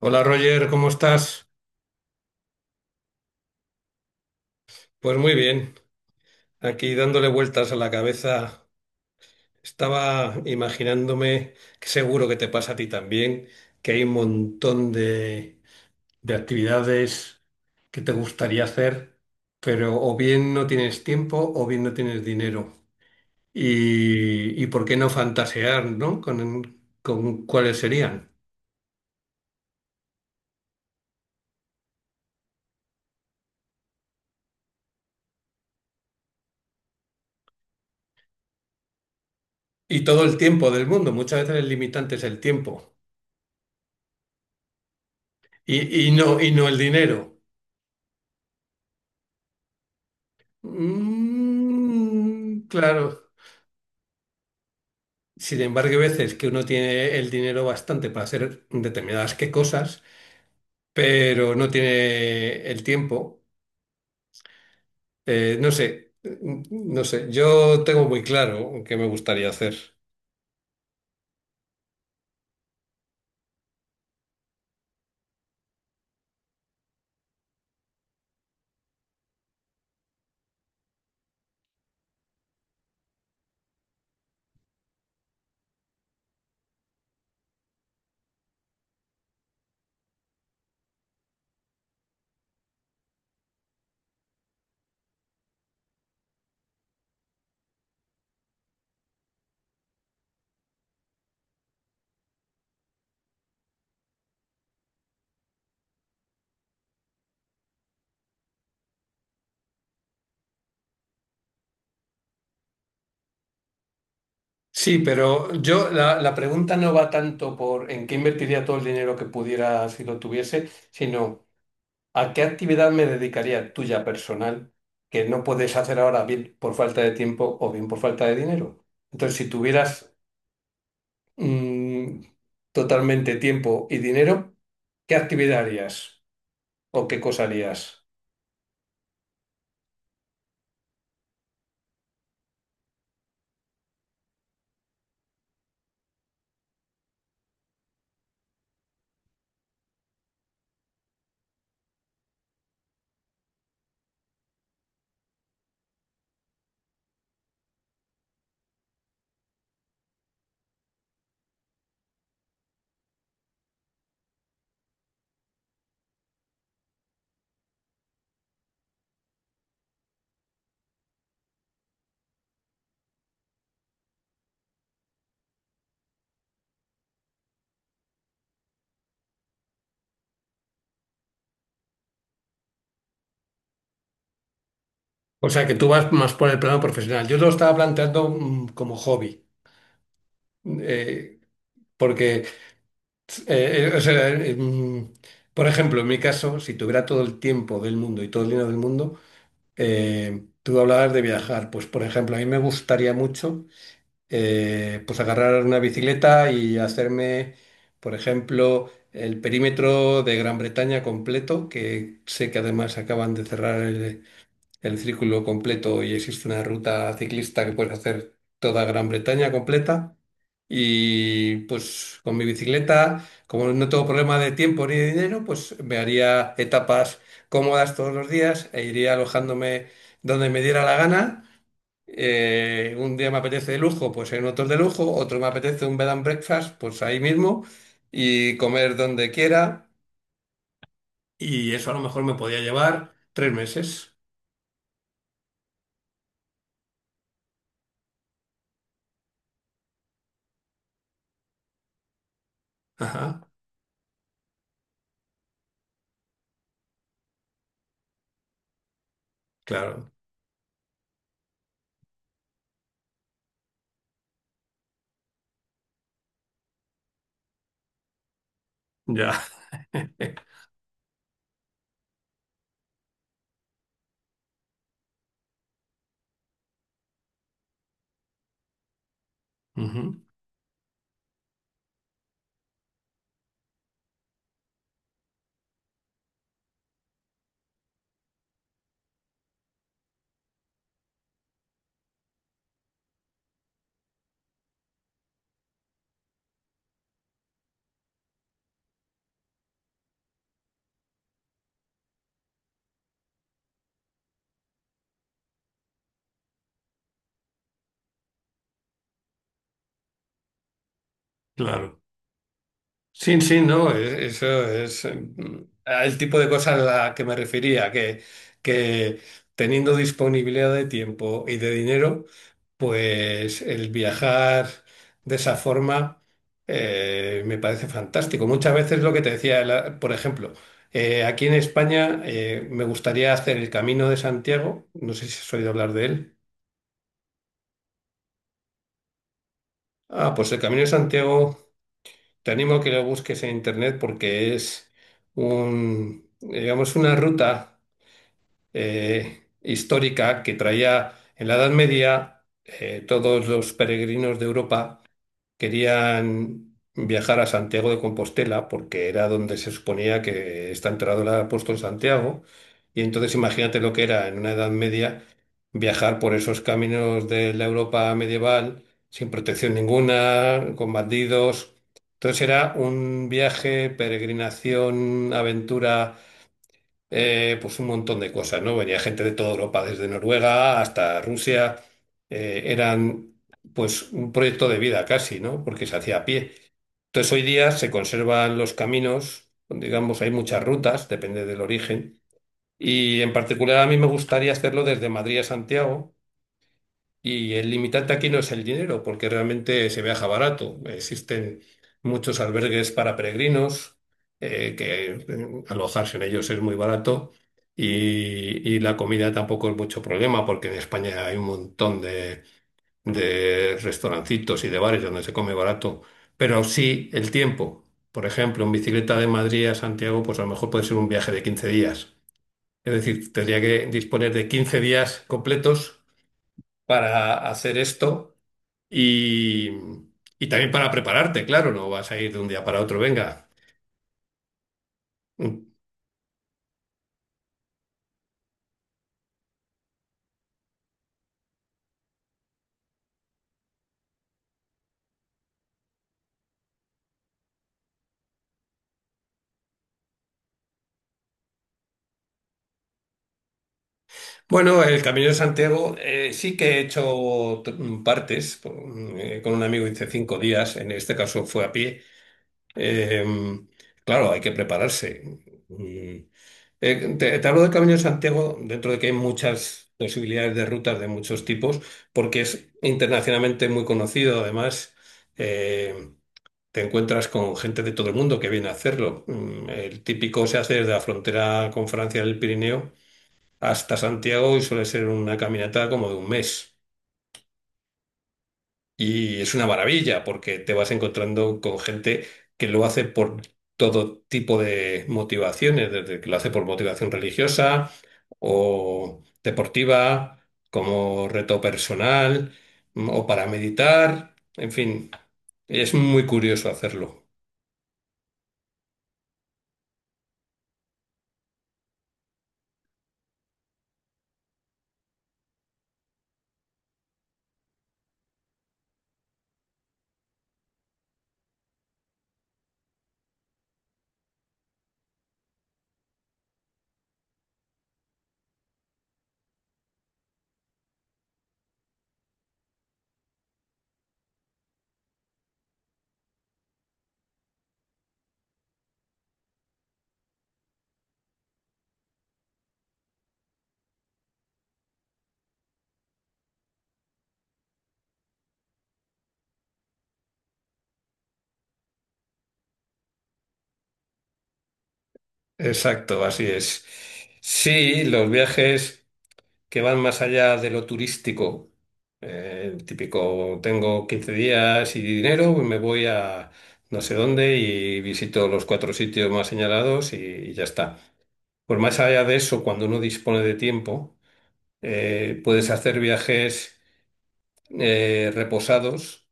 Hola Roger, ¿cómo estás? Pues muy bien, aquí dándole vueltas a la cabeza. Estaba imaginándome, que seguro que te pasa a ti también, que hay un montón de actividades que te gustaría hacer, pero o bien no tienes tiempo o bien no tienes dinero. Y por qué no fantasear, ¿no? Con cuáles serían. Y todo el tiempo del mundo, muchas veces el limitante es el tiempo y no el dinero. Mm, claro. Sin embargo, hay veces que uno tiene el dinero bastante para hacer determinadas qué cosas, pero no tiene el tiempo. Eh, no sé, mm, no sé. Yo tengo muy claro qué me gustaría hacer. Sí, pero yo la pregunta no va tanto por en qué invertiría todo el dinero que pudiera si lo tuviese, sino ¿a qué actividad me dedicaría tuya personal que no puedes hacer ahora bien por falta de tiempo o bien por falta de dinero? Entonces, si tuvieras mm, totalmente tiempo y dinero, ¿qué actividad harías o qué cosa harías? O sea, que tú vas más por el plano profesional. Yo lo estaba planteando como hobby, eh, porque, o sea, por ejemplo, en mi caso, si tuviera todo el tiempo del mundo y todo el dinero del mundo, tú hablabas de viajar, pues por ejemplo, a mí me gustaría mucho pues agarrar una bicicleta y hacerme, por ejemplo, el perímetro de Gran Bretaña completo, que sé que además acaban de cerrar el círculo completo y existe una ruta ciclista que puedes hacer toda Gran Bretaña completa. Y pues con mi bicicleta, como no tengo problema de tiempo ni de dinero, pues me haría etapas cómodas todos los días e iría alojándome donde me diera la gana. Un día me apetece de lujo, pues en otro de lujo, otro me apetece un bed and breakfast, pues ahí mismo, y comer donde quiera. Y eso a lo mejor me podía llevar 3 meses. Ajá, claro. Ya. Ujú, claro. Sí, sí, no, eso es el tipo de cosas a la que me refería, que teniendo disponibilidad de tiempo y de dinero, pues el viajar de esa forma me parece fantástico. Muchas veces lo que te decía, por ejemplo, aquí en España me gustaría hacer el Camino de Santiago, no sé si has oído hablar de él. Ah, pues el Camino de Santiago. Te animo a que lo busques en internet porque es un, digamos, una ruta histórica que traía en la Edad Media todos los peregrinos de Europa. Querían viajar a Santiago de Compostela porque era donde se suponía que está enterrado el apóstol Santiago. Y entonces imagínate lo que era en una Edad Media viajar por esos caminos de la Europa medieval sin protección ninguna, con bandidos. Entonces era un viaje, peregrinación, aventura, pues un montón de cosas, ¿no? Venía gente de toda Europa, desde Noruega hasta Rusia, eran pues un proyecto de vida casi, ¿no? Porque se hacía a pie. Entonces hoy día se conservan los caminos, digamos, hay muchas rutas, depende del origen, y en particular a mí me gustaría hacerlo desde Madrid a Santiago y el limitante aquí no es el dinero, porque realmente se viaja barato. Existen muchos albergues para peregrinos, que alojarse en ellos es muy barato y, y la comida tampoco es mucho problema, porque en España hay un montón de restaurancitos y de bares donde se come barato. Pero sí el tiempo. Por ejemplo, en bicicleta de Madrid a Santiago, pues a lo mejor puede ser un viaje de 15 días. Es decir, tendría que disponer de 15 días completos para hacer esto y, y también para prepararte, claro, no vas a ir de un día para otro, venga. Bueno, el Camino de Santiago sí que he hecho partes, con un amigo hice 5 días, en este caso fue a pie. Eh, claro, hay que prepararse. Mm. Te hablo del Camino de Santiago dentro de que hay muchas posibilidades de rutas de muchos tipos, porque es internacionalmente muy conocido además. eh, Te encuentras con gente de todo el mundo que viene a hacerlo. Mm. El típico se hace desde la frontera con Francia del Pirineo hasta Santiago y suele ser una caminata como de un mes. Y es una maravilla porque te vas encontrando con gente que lo hace por todo tipo de motivaciones, desde que lo hace por motivación religiosa o deportiva, como reto personal, o para meditar. En fin, es muy curioso hacerlo. Exacto, así es. Sí, los viajes que van más allá de lo turístico, el típico, tengo 15 días y dinero, pues me voy a no sé dónde y visito los cuatro sitios más señalados y ya está. Pues más allá de eso, cuando uno dispone de tiempo, puedes hacer viajes reposados,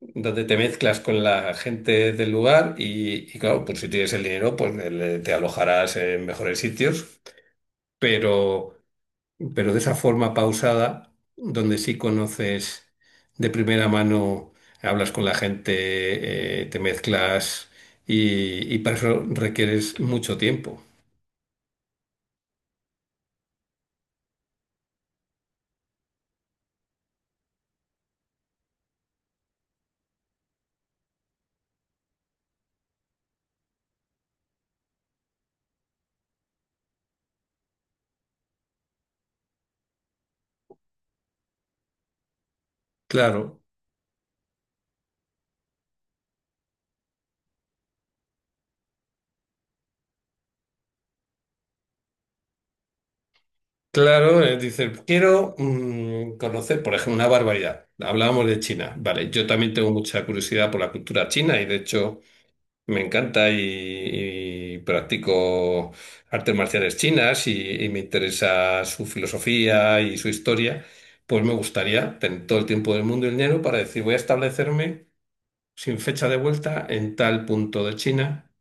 donde te mezclas con la gente del lugar y claro, pues si tienes el dinero, pues te alojarás en mejores sitios, pero, pero de esa forma pausada, donde sí conoces de primera mano, hablas con la gente, te mezclas y para eso requieres mucho tiempo. Claro, claro, dices, quiero conocer, por ejemplo, una barbaridad. Hablábamos de China, vale, yo también tengo mucha curiosidad por la cultura china y de hecho... Me encanta y practico artes marciales chinas y me interesa su filosofía y su historia. Pues me gustaría tener todo el tiempo del mundo y el dinero para decir, voy a establecerme sin fecha de vuelta en tal punto de China.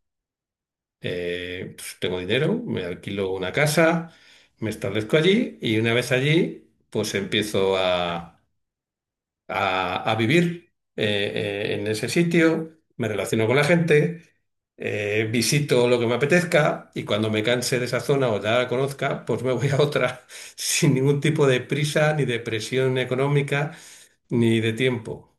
Pues tengo dinero, me alquilo una casa, me establezco allí y una vez allí, pues empiezo a vivir en ese sitio, me relaciono con la gente, visito lo que me apetezca y cuando me canse de esa zona o ya la conozca, pues me voy a otra sin ningún tipo de prisa, ni de presión económica, ni de tiempo.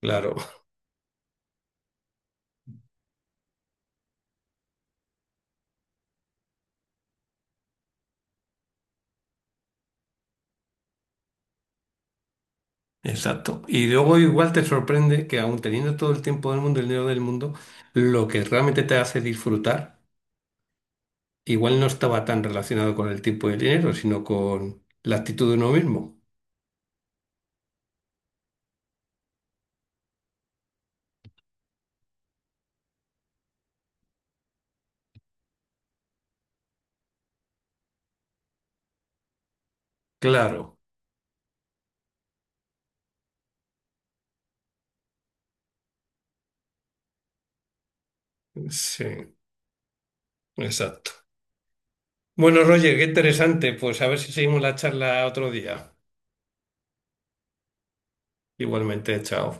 Claro, exacto. Y luego igual te sorprende que aun teniendo todo el tiempo del mundo, el dinero del mundo, lo que realmente te hace disfrutar, igual no estaba tan relacionado con el tiempo y el dinero, sino con la actitud de uno mismo. Claro. Sí, exacto. Bueno, Roger, qué interesante. Pues a ver si seguimos la charla otro día. Igualmente, chao.